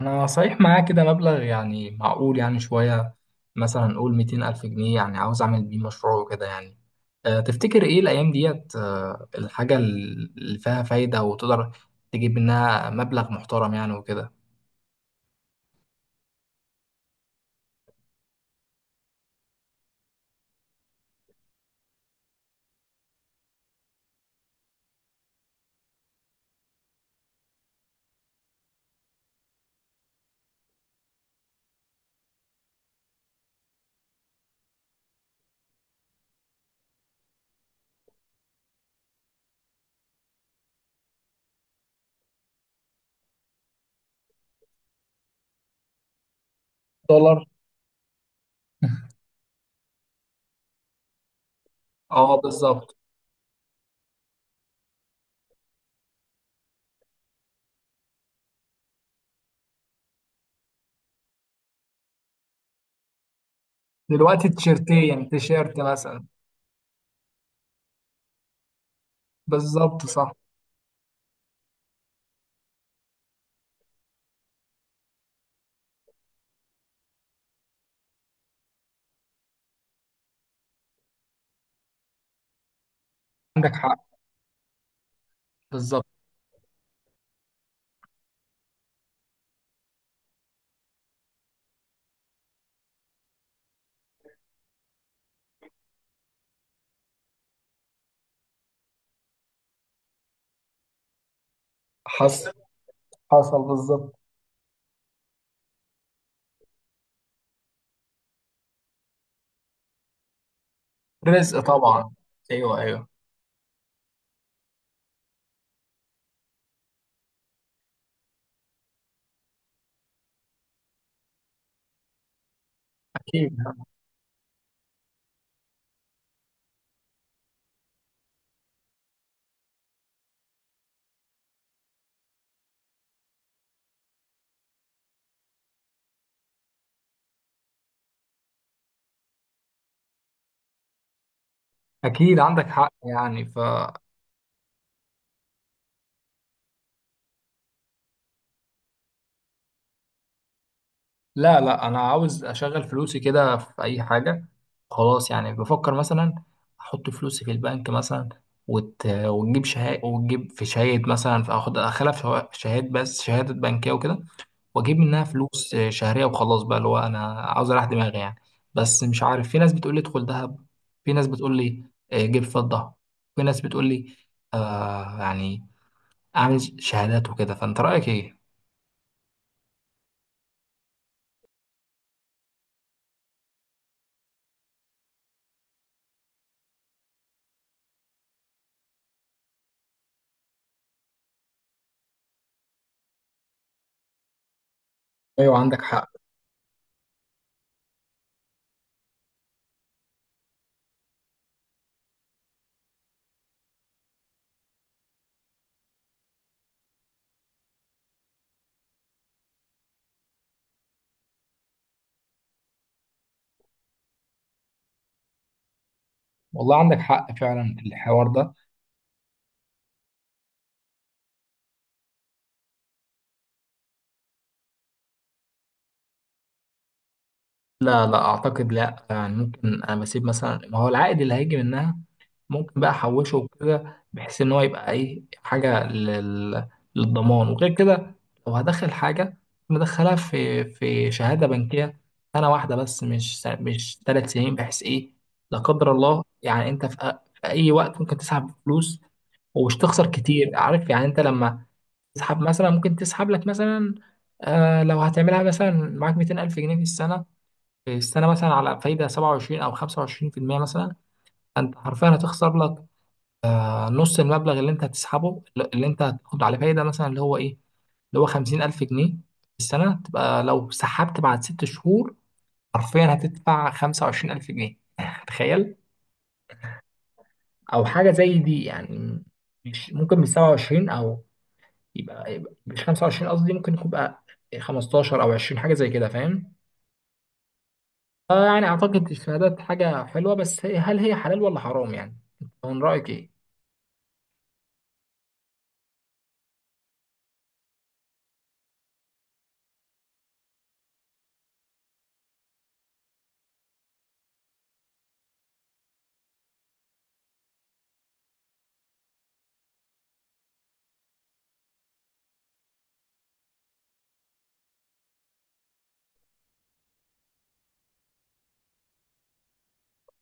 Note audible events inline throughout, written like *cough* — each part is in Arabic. انا صحيح معايا كده مبلغ يعني معقول، يعني شوية، مثلا نقول 200 ألف جنيه، يعني عاوز أعمل بيه مشروع وكده يعني. تفتكر إيه الأيام ديت، الحاجة اللي فيها فايدة وتقدر تجيب منها مبلغ محترم يعني وكده. دولار. اه، بالظبط. دلوقتي تيشيرتين، يعني تيشيرت مثلا. بالظبط، صح. عندك حق، بالظبط. حصل، حصل بالظبط. رزق طبعا. ايوه، ايوه. اكيد. اكيد عندك حق يعني. لا، لا، انا عاوز اشغل فلوسي كده في اي حاجه. خلاص يعني، بفكر مثلا احط فلوسي في البنك مثلا، وتجيب شهاده، وتجيب في شهاده مثلا، فاخد اخلها في شهاده، بس شهاده بنكيه وكده، واجيب منها فلوس شهريه وخلاص بقى، اللي هو انا عاوز اريح دماغي يعني. بس مش عارف، في ناس بتقول لي ادخل ذهب، في ناس بتقول لي جيب فضه، في ناس بتقول لي يعني اعمل شهادات وكده. فانت رايك ايه؟ ايوه، عندك حق. والله، عندك حق فعلا الحوار ده. لا، لا اعتقد، لا يعني ممكن، انا بسيب مثلا ما هو العائد اللي هيجي منها، ممكن بقى احوشه وكده بحيث ان هو يبقى ايه، حاجه للضمان وغير كده. لو هدخل حاجه مدخلها في شهاده بنكيه سنه واحده بس، مش 3 سنين، بحيث ايه لا قدر الله يعني انت في اي وقت ممكن تسحب فلوس ومش تخسر كتير. عارف يعني، انت لما تسحب مثلا، ممكن تسحب لك مثلا، آه لو هتعملها مثلا معاك 200,000 جنيه في السنة، في السنة، مثلا على فايدة 27 أو 25% مثلا، أنت حرفيا هتخسر لك نص المبلغ اللي أنت هتسحبه، اللي أنت هتاخد عليه فايدة، مثلا اللي هو إيه، اللي هو 50,000 جنيه في السنة. تبقى لو سحبت بعد 6 شهور حرفيا هتدفع 25,000 جنيه *laughs* تخيل. أو حاجة زي دي يعني. مش ممكن من 27 أو يبقى مش 25، قصدي ممكن يكون بقى 15 أو 20، حاجة زي كده فاهم. يعني أعتقد الشهادات حاجة حلوة، بس هل هي حلال ولا حرام يعني؟ من رأيك إيه؟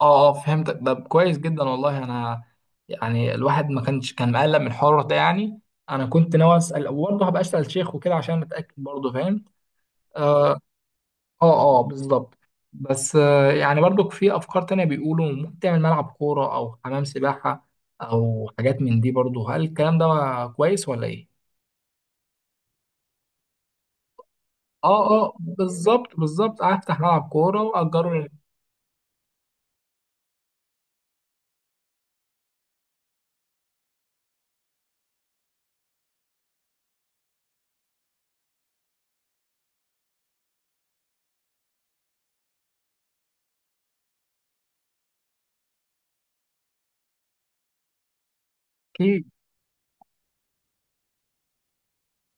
اه، اه فهمتك، ده كويس جدا والله، انا يعني الواحد ما كانش كان مقلق من الحوار ده يعني. أنا كنت ناوي أسأل، برضه هبقى أسأل شيخ وكده عشان أتأكد، برضه فاهم؟ اه. اه. آه، بالظبط. بس يعني برضو في افكار تانية بيقولوا ممكن تعمل ملعب كورة او حمام سباحة او حاجات من دي برضو، هل الكلام ده كويس ولا ايه؟ اه، اه، بالظبط، بالظبط، هفتح ملعب كورة وأجره.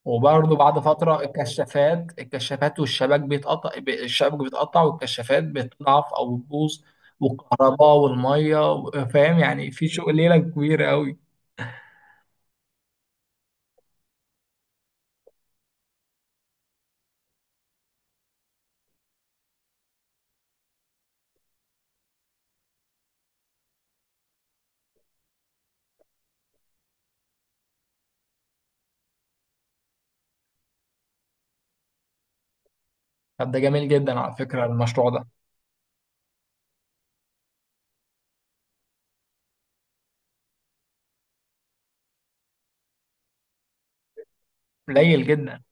وبرضه بعد فترة الكشافات، الكشافات والشبك الشبك بيتقطع والكشافات بتضعف أو بتبوظ، والكهرباء والمية فاهم يعني في شغل ليلة كبيرة أوي. طب ده جميل جدا على فكرة المشروع ده. قليل جدا.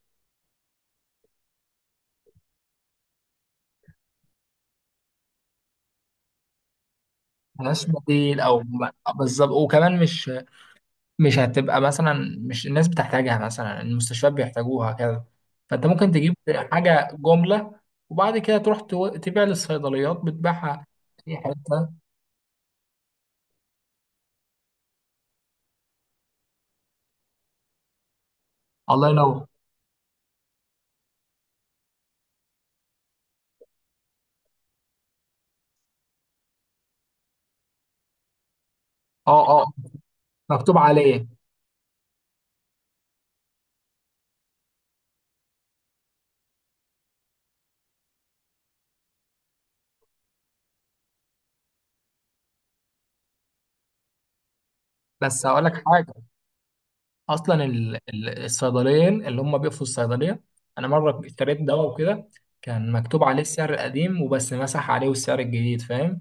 ملهاش بديل أو بالظبط. وكمان مش، مش هتبقى مثلا، مش الناس بتحتاجها مثلا، المستشفيات بيحتاجوها كده، فأنت ممكن تجيب حاجة جملة وبعد كده تروح تبيع للصيدليات، بتبيعها في أي حتة. الله ينور. اه. آه. مكتوب عليه. بس هقول لك حاجه، اصلا الصيدليين اللي هم بيقفوا الصيدليه. انا مره اشتريت دواء وكده، كان مكتوب عليه السعر القديم وبس، مسح عليه السعر الجديد فاهم.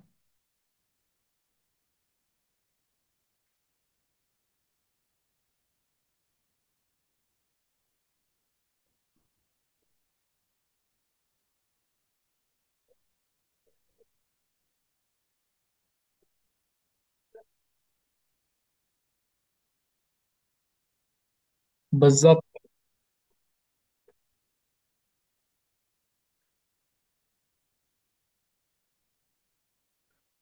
بالظبط،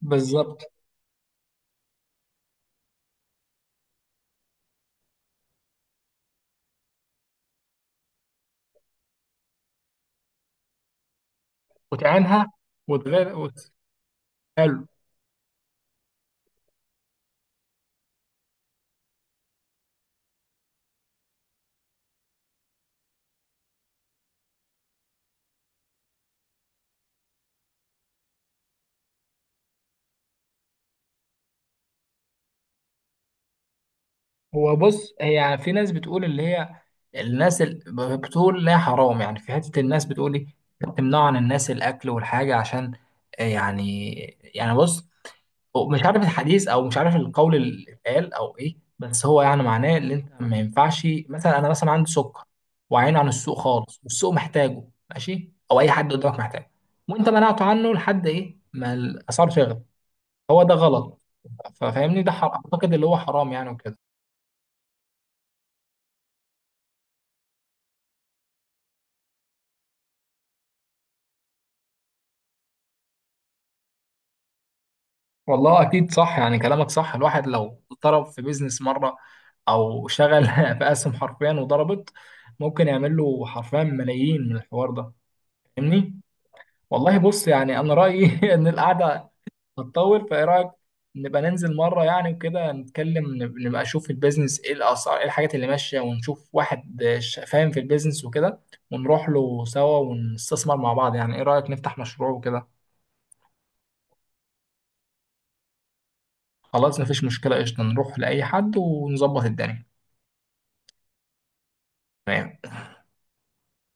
بالظبط، وتعينها، وتغير حلو. هو بص، هي في ناس بتقول اللي هي الناس بتقول لا حرام، يعني في حتة، الناس بتقول ايه، بتمنعوا عن الناس الاكل والحاجة عشان يعني بص، مش عارف الحديث او مش عارف القول اللي اتقال او ايه، بس هو يعني معناه ان انت ما ينفعش، مثلا انا مثلا عندي سكر وعين عن السوق خالص والسوق محتاجه ماشي، او اي حد قدامك محتاجه وانت منعته عنه لحد ايه ما الاسعار تغلى، هو ده غلط. ففاهمني ده اعتقد اللي هو حرام يعني وكده. والله اكيد صح يعني كلامك صح. الواحد لو ضرب في بيزنس مره او شغل *laughs* في اسهم حرفيا وضربت، ممكن يعمل له حرفيا ملايين من الحوار ده، فاهمني. والله بص، يعني انا رايي *laughs* ان القعده هتطول، فايه رايك نبقى ننزل مره، يعني وكده نتكلم، نبقى نشوف البيزنس ايه، الاسعار ايه، الحاجات اللي ماشيه، ونشوف واحد فاهم في البيزنس وكده، ونروح له سوا ونستثمر مع بعض. يعني ايه رايك نفتح مشروع وكده. خلاص مفيش مشكله، قشطه، نروح لاي حد ونظبط الدنيا. تمام.